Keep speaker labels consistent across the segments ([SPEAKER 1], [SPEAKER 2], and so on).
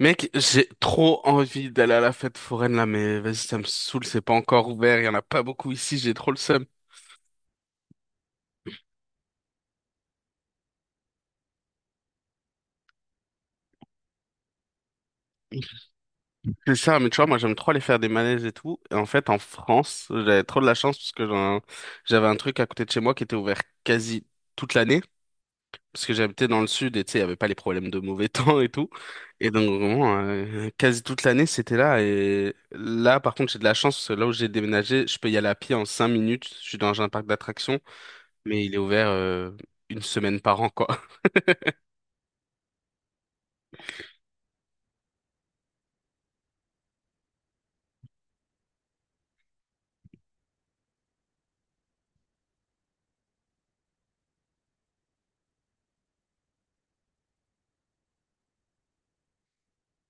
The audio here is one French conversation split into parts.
[SPEAKER 1] Mec, j'ai trop envie d'aller à la fête foraine là, mais vas-y, ça me saoule, c'est pas encore ouvert, il y en a pas beaucoup ici, j'ai trop le seum. C'est ça, mais tu vois, moi j'aime trop aller faire des manèges et tout. Et en fait, en France, j'avais trop de la chance parce que j'avais un truc à côté de chez moi qui était ouvert quasi toute l'année parce que j'habitais dans le sud et tu sais, il n'y avait pas les problèmes de mauvais temps et tout. Et donc vraiment, quasi toute l'année, c'était là. Et là, par contre, j'ai de la chance, parce que là où j'ai déménagé, je peux y aller à pied en 5 minutes. Je suis dans un parc d'attractions, mais il est ouvert une semaine par an, quoi.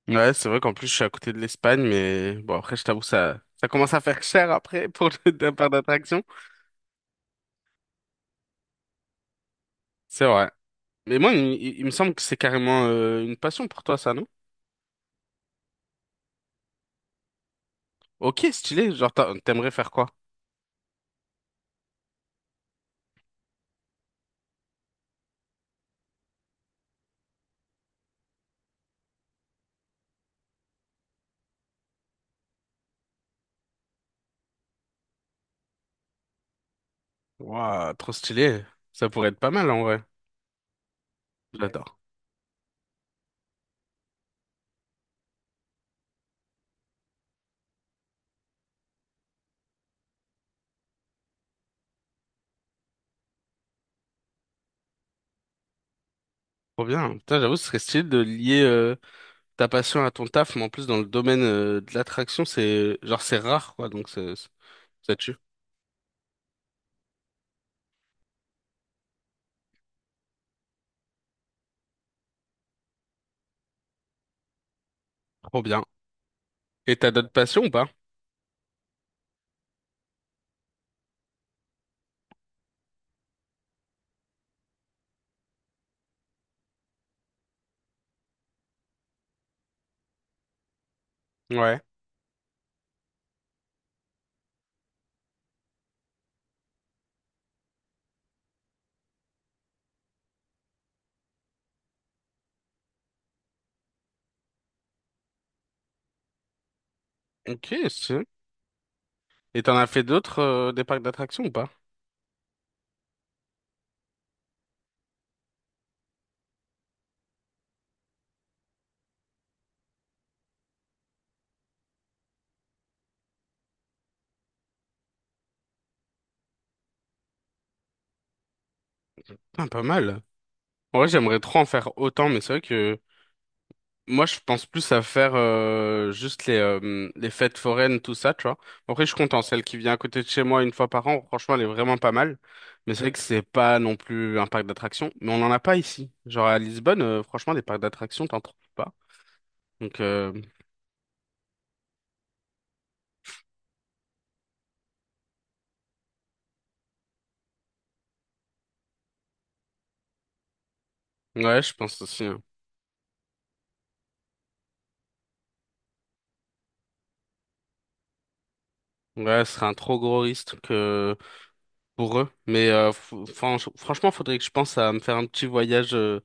[SPEAKER 1] Ouais, c'est vrai qu'en plus, je suis à côté de l'Espagne, mais bon, après, je t'avoue, ça commence à faire cher après pour le un parc d'attractions. C'est vrai. Mais moi, il me semble que c'est carrément une passion pour toi, ça, non? Ok, stylé. Genre, t'aimerais faire quoi? Waouh, trop stylé. Ça pourrait être pas mal en vrai. Ouais. J'adore. Trop bien. Putain, j'avoue, ce serait stylé de lier ta passion à ton taf, mais en plus dans le domaine de l'attraction, c'est genre c'est rare quoi, donc ça tue. Trop bien. Et t'as d'autres passions ou pas? Ouais. Ok, c'est. Et t'en as fait d'autres des parcs d'attractions ou pas? Putain, pas mal. En vrai, j'aimerais trop en faire autant, mais c'est vrai que moi, je pense plus à faire juste les fêtes foraines, tout ça, tu vois. Après, je suis content. Celle qui vient à côté de chez moi une fois par an, franchement, elle est vraiment pas mal. Mais c'est vrai que c'est pas non plus un parc d'attractions. Mais on n'en a pas ici. Genre à Lisbonne, franchement, des parcs d'attractions, t'en trouves pas. Donc, ouais, je pense aussi, hein. Ouais, ce serait un trop gros risque que pour eux. Mais franchement, faudrait que je pense à me faire un petit voyage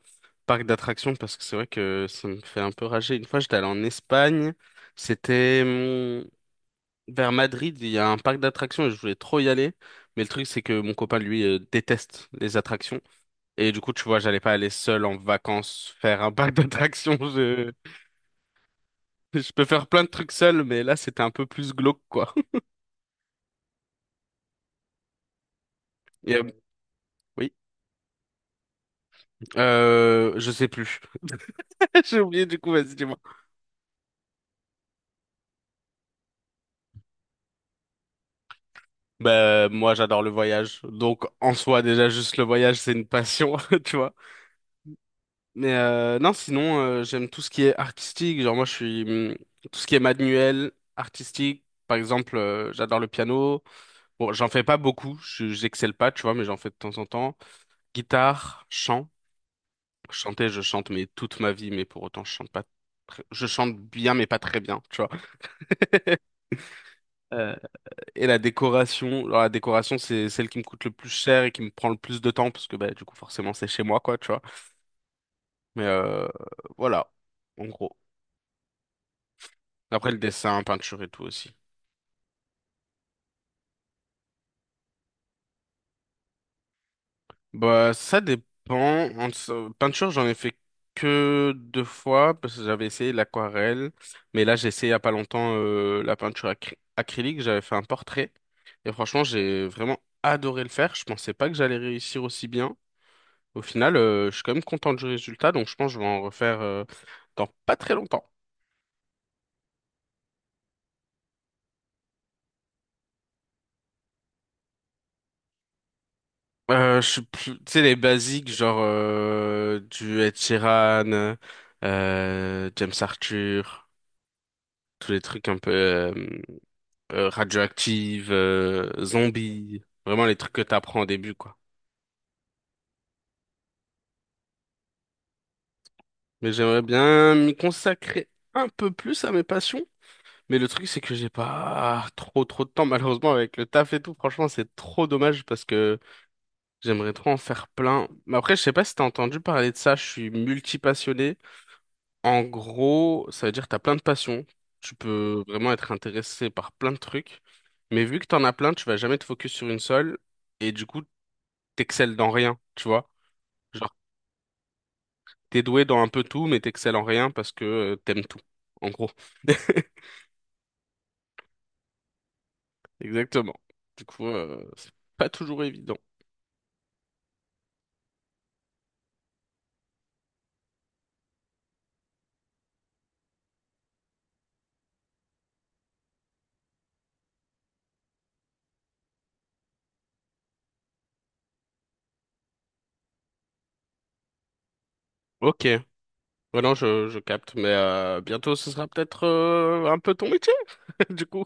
[SPEAKER 1] parc d'attractions parce que c'est vrai que ça me fait un peu rager. Une fois, j'étais allé en Espagne, c'était vers Madrid, il y a un parc d'attractions et je voulais trop y aller. Mais le truc, c'est que mon copain, lui, déteste les attractions. Et du coup, tu vois, j'allais pas aller seul en vacances faire un parc d'attractions. Je peux faire plein de trucs seul, mais là, c'était un peu plus glauque, quoi. Et, oui, je sais plus. J'ai oublié, du coup, vas-y, dis-moi. Bah, moi, j'adore le voyage. Donc, en soi, déjà, juste le voyage, c'est une passion, tu vois. Mais non, sinon, j'aime tout ce qui est artistique. Genre, moi, je suis... tout ce qui est manuel, artistique. Par exemple, j'adore le piano. Bon, j'en fais pas beaucoup. J'excelle pas, tu vois, mais j'en fais de temps en temps. Guitare, chant. Chanter, je chante, mais toute ma vie. Mais pour autant, je chante pas... Je chante bien, mais pas très bien, tu vois. Euh, Et la décoration, alors la décoration, c'est celle qui me coûte le plus cher et qui me prend le plus de temps, parce que bah, du coup, forcément, c'est chez moi, quoi, tu vois. Mais voilà, en gros. Après, le dessin, peinture et tout aussi. Bah, ça dépend. Peinture, j'en ai fait que deux fois, parce que j'avais essayé l'aquarelle. Mais là, j'ai essayé il y a pas longtemps la peinture acrylique. J'avais fait un portrait. Et franchement, j'ai vraiment adoré le faire. Je pensais pas que j'allais réussir aussi bien. Au final, je suis quand même content du résultat, donc je pense que je vais en refaire dans pas très longtemps. Je suis tu sais, les basiques, genre du Ed Sheeran, James Arthur, tous les trucs un peu radioactifs, zombies, vraiment les trucs que t'apprends au début, quoi. Mais j'aimerais bien m'y consacrer un peu plus à mes passions. Mais le truc, c'est que j'ai pas trop de temps, malheureusement, avec le taf et tout. Franchement, c'est trop dommage parce que j'aimerais trop en faire plein. Mais après, je sais pas si t'as entendu parler de ça, je suis multipassionné. En gros, ça veut dire que t'as plein de passions. Tu peux vraiment être intéressé par plein de trucs. Mais vu que t'en as plein, tu vas jamais te focus sur une seule. Et du coup, t'excelles dans rien, tu vois. Genre, t'es doué dans un peu tout, mais t'excelles en rien parce que t'aimes tout. En gros. Exactement. Du coup, c'est pas toujours évident. Ok. Ouais, non, je capte. Mais bientôt, ce sera peut-être un peu ton métier, du coup.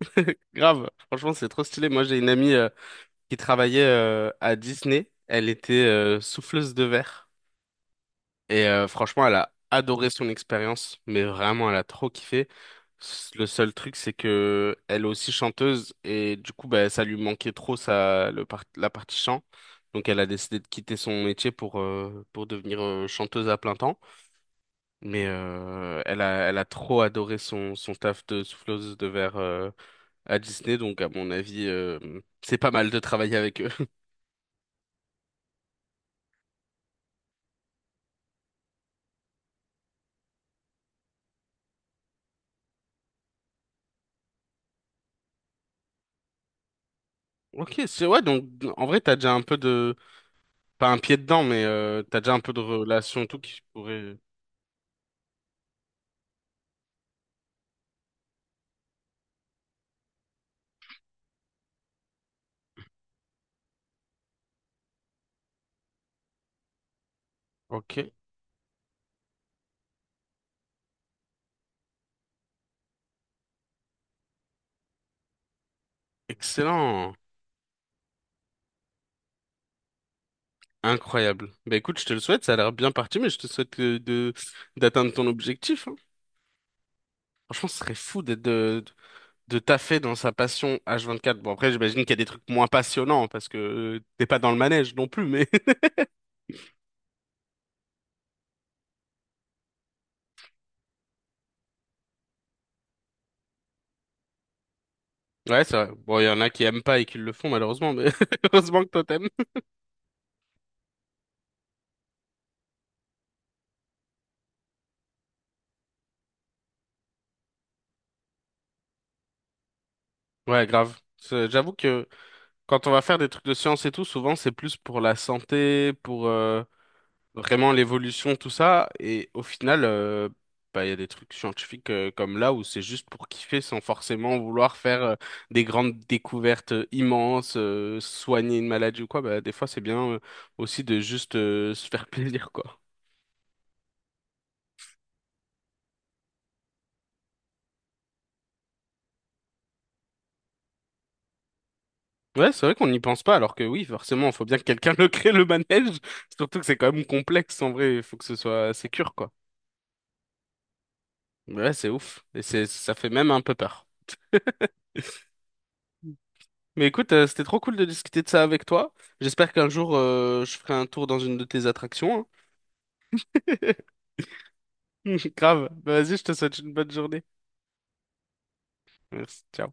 [SPEAKER 1] Grave, franchement, c'est trop stylé. Moi, j'ai une amie qui travaillait à Disney. Elle était souffleuse de verre. Et franchement, elle a adoré son expérience, mais vraiment, elle a trop kiffé. Le seul truc, c'est que elle est aussi chanteuse et du coup, bah, ça lui manquait trop ça, la partie chant. Donc, elle a décidé de quitter son métier pour devenir chanteuse à plein temps. Mais elle a trop adoré son taf de souffleuse de verre. À Disney, donc à mon avis, c'est pas mal de travailler avec eux. Ok, c'est ouais, donc en vrai, t'as déjà un peu de... Pas un pied dedans, mais t'as déjà un peu de relation, et tout qui pourrait... Ok, excellent, incroyable. Bah écoute, je te le souhaite, ça a l'air bien parti, mais je te souhaite de d'atteindre ton objectif, hein. Franchement, ce serait fou d'être de taffer dans sa passion H24. Bon, après, j'imagine qu'il y a des trucs moins passionnants, parce que t'es pas dans le manège non plus, mais... Ouais, c'est vrai. Bon, il y en a qui aiment pas et qui le font, malheureusement, mais heureusement que toi, t'aimes. Ouais, grave. J'avoue que quand on va faire des trucs de science et tout, souvent c'est plus pour la santé, pour vraiment l'évolution, tout ça. Et au final, bah, il y a des trucs scientifiques comme là où c'est juste pour kiffer sans forcément vouloir faire des grandes découvertes immenses, soigner une maladie ou quoi. Bah, des fois, c'est bien aussi de juste se faire plaisir, quoi. Ouais, c'est vrai qu'on n'y pense pas, alors que oui, forcément, il faut bien que quelqu'un le crée le manège. Surtout que c'est quand même complexe en vrai, il faut que ce soit sécure, quoi. Ouais, c'est ouf. Et c'est, ça fait même un peu peur. Mais écoute, c'était trop cool de discuter de ça avec toi. J'espère qu'un jour, je ferai un tour dans une de tes attractions, hein. Grave. Bah, vas-y, je te souhaite une bonne journée. Merci. Ciao.